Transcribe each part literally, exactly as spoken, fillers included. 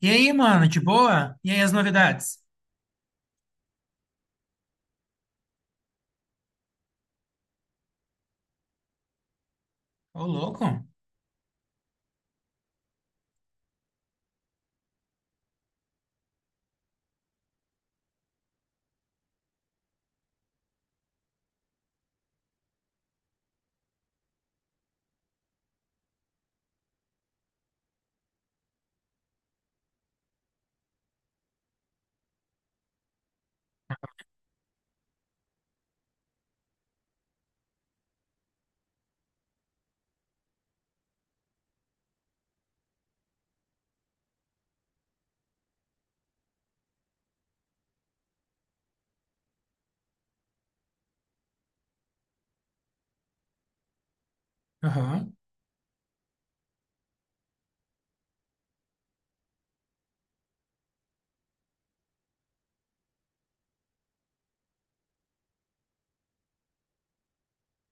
E aí, mano, de boa? E aí, as novidades? Ô, louco? Aham.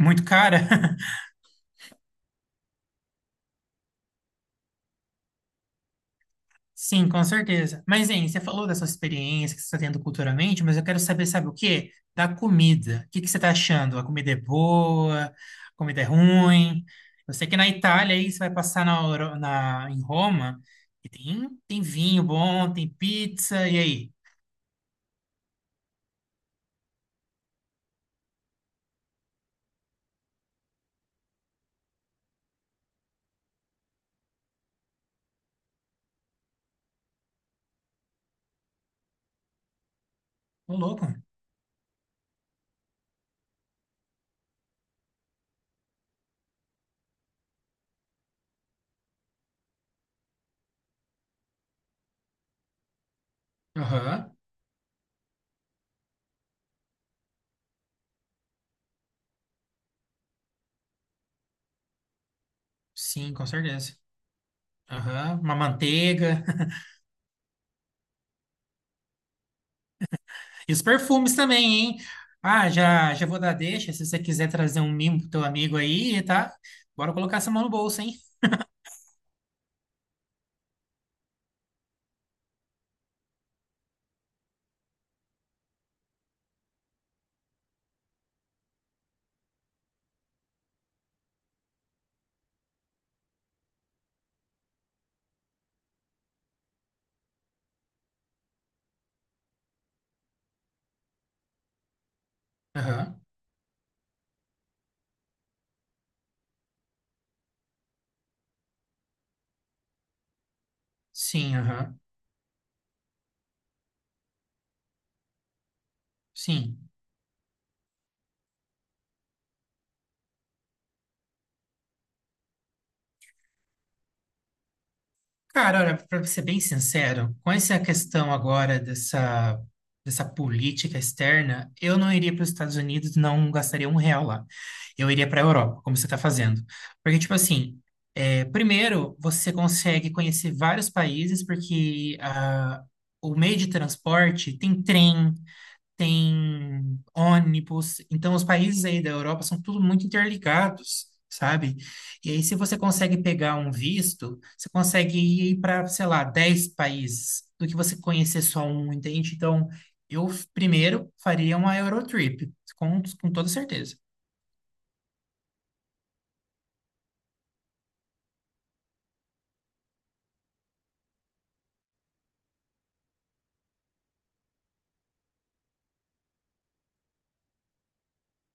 Muito cara? Sim, com certeza. Mas, hein, você falou dessa experiência que você está tendo culturalmente, mas eu quero saber, sabe o quê? Da comida. O que que você está achando? A comida é boa? A comida é ruim? Eu sei que na Itália, aí, você vai passar na, Euro- na- em Roma, e tem, tem vinho bom, tem pizza, e aí? Ô, louco? Aham. Sim, com certeza. Aham. Uma manteiga. E os perfumes também, hein? Ah, já, já vou dar deixa. Se você quiser trazer um mimo pro teu amigo aí, tá? Bora colocar essa mão no bolso, hein? Aham. Sim, aham. Sim. Cara, olha, pra ser bem sincero, com essa questão agora dessa, dessa política externa, eu não iria para os Estados Unidos, não gastaria um real lá. Eu iria para a Europa, como você está fazendo. Porque, tipo assim, é, primeiro, você consegue conhecer vários países, porque ah, o meio de transporte tem trem, tem ônibus. Então, os países aí da Europa são tudo muito interligados, sabe? E aí, se você consegue pegar um visto, você consegue ir para, sei lá, dez países do que você conhecer só um, entende? Então, eu f- primeiro faria uma Eurotrip, com, com toda certeza.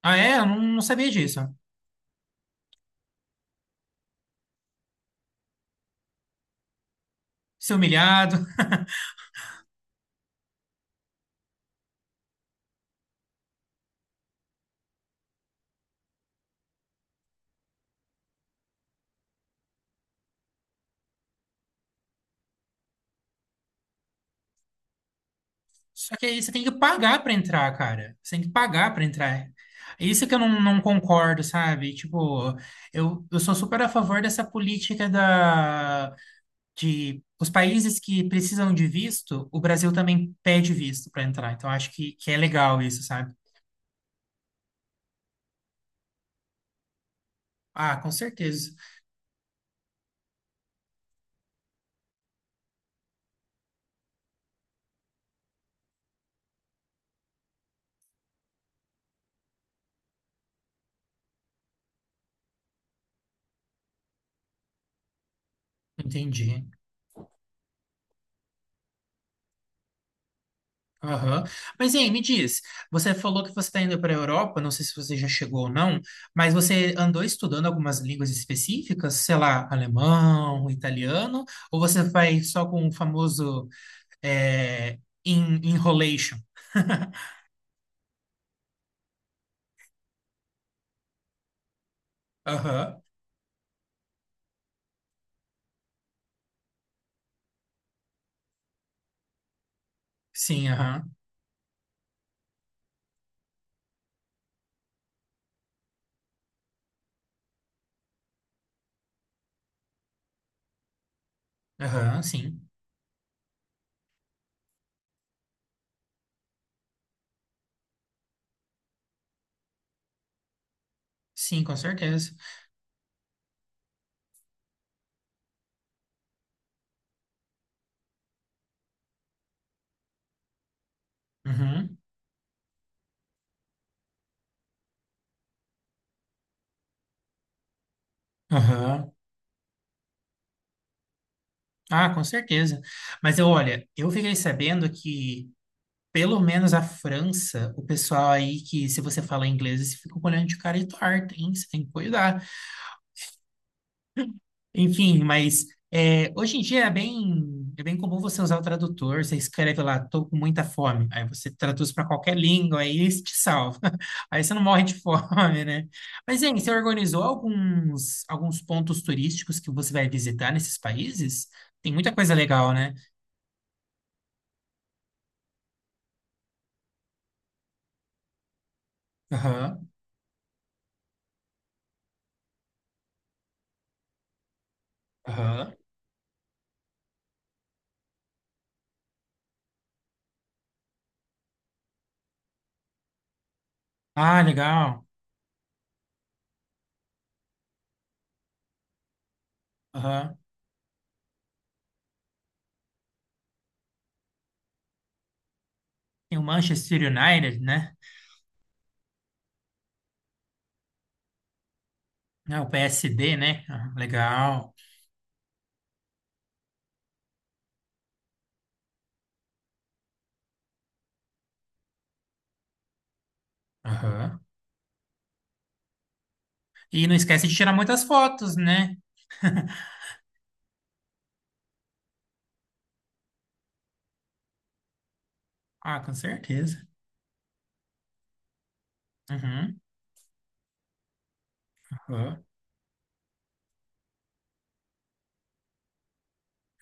Ah, é? Eu não, não sabia disso. Ser humilhado. Só que aí você tem que pagar pra entrar, cara. Você tem que pagar pra entrar. É isso que eu não, não concordo, sabe? Tipo, eu, eu sou super a favor dessa política da, de os países que precisam de visto, o Brasil também pede visto pra entrar. Então, acho que, que é legal isso, sabe? Ah, com certeza. Entendi. Aham. Mas, hein, me diz, você falou que você está indo para a Europa, não sei se você já chegou ou não, mas você andou estudando algumas línguas específicas, sei lá, alemão, italiano, ou você vai só com o famoso é, en- enrolation? Aham. Sim, aham. Aham, sim. Sim, com certeza. Uhum. Aham. Ah, com certeza. Mas eu, olha, eu fiquei sabendo que pelo menos a França, o pessoal aí que, se você fala inglês, você fica olhando de cara e torta, hein? Você tem que cuidar. Enfim, mas é, hoje em dia é bem, é bem comum você usar o tradutor. Você escreve lá, tô com muita fome. Aí você traduz para qualquer língua, aí isso te salva. Aí você não morre de fome, né? Mas, hein, você organizou alguns, alguns pontos turísticos que você vai visitar nesses países? Tem muita coisa legal, né? Aham, aham. Ah, legal. Aham. Tem o Manchester United, né? Ah, o P S D, né? Ah, legal. Aham. E não esquece de tirar muitas fotos, né? Ah, com certeza. Uhum. Aham.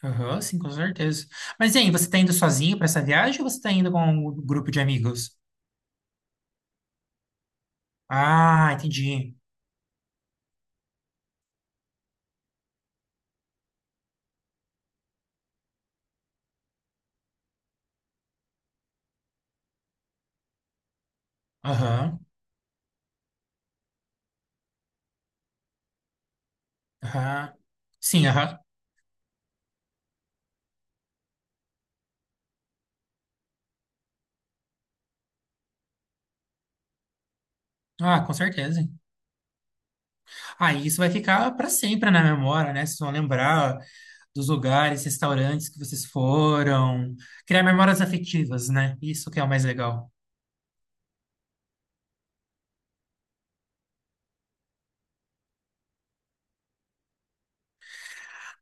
Aham, sim, com certeza. Mas e aí, você tá indo sozinho para essa viagem ou você tá indo com um grupo de amigos? Ah, entendi. Aham. Aham. Sim, aham. Ah, com certeza. Ah, e isso vai ficar para sempre na memória, né? Vocês vão lembrar dos lugares, restaurantes que vocês foram, criar memórias afetivas, né? Isso que é o mais legal.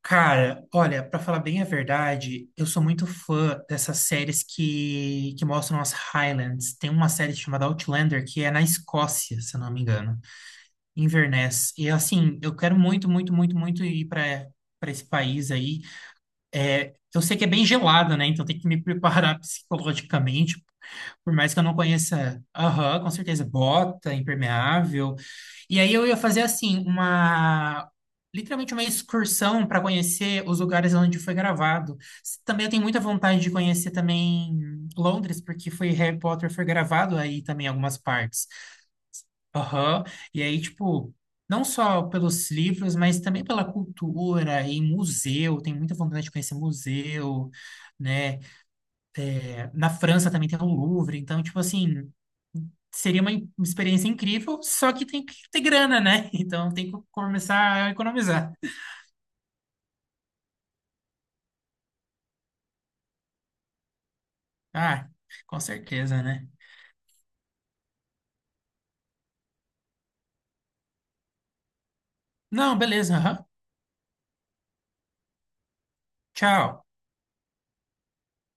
Cara, olha, pra falar bem a verdade, eu sou muito fã dessas séries que, que mostram as Highlands. Tem uma série chamada Outlander que é na Escócia, se eu não me engano, Inverness. E assim, eu quero muito, muito, muito, muito ir pra para esse país aí. Eu sei que é bem gelado, né? Então tem que me preparar psicologicamente por mais que eu não conheça, aham, com certeza, bota impermeável. E aí eu ia fazer assim, uma literalmente uma excursão para conhecer os lugares onde foi gravado. S- Também eu tenho muita vontade de conhecer também Londres, porque foi Harry Potter foi gravado aí também em algumas partes. Aham. E aí, tipo, não só pelos livros, mas também pela cultura e museu. Tenho muita vontade de conhecer museu, né? Na França também tem o Louvre, então, tipo assim, seria uma in- experiência incrível, só que tem que ter grana, né? Então tem que começar a economizar. Ah, com certeza, né? Não, beleza, aham. Tchau.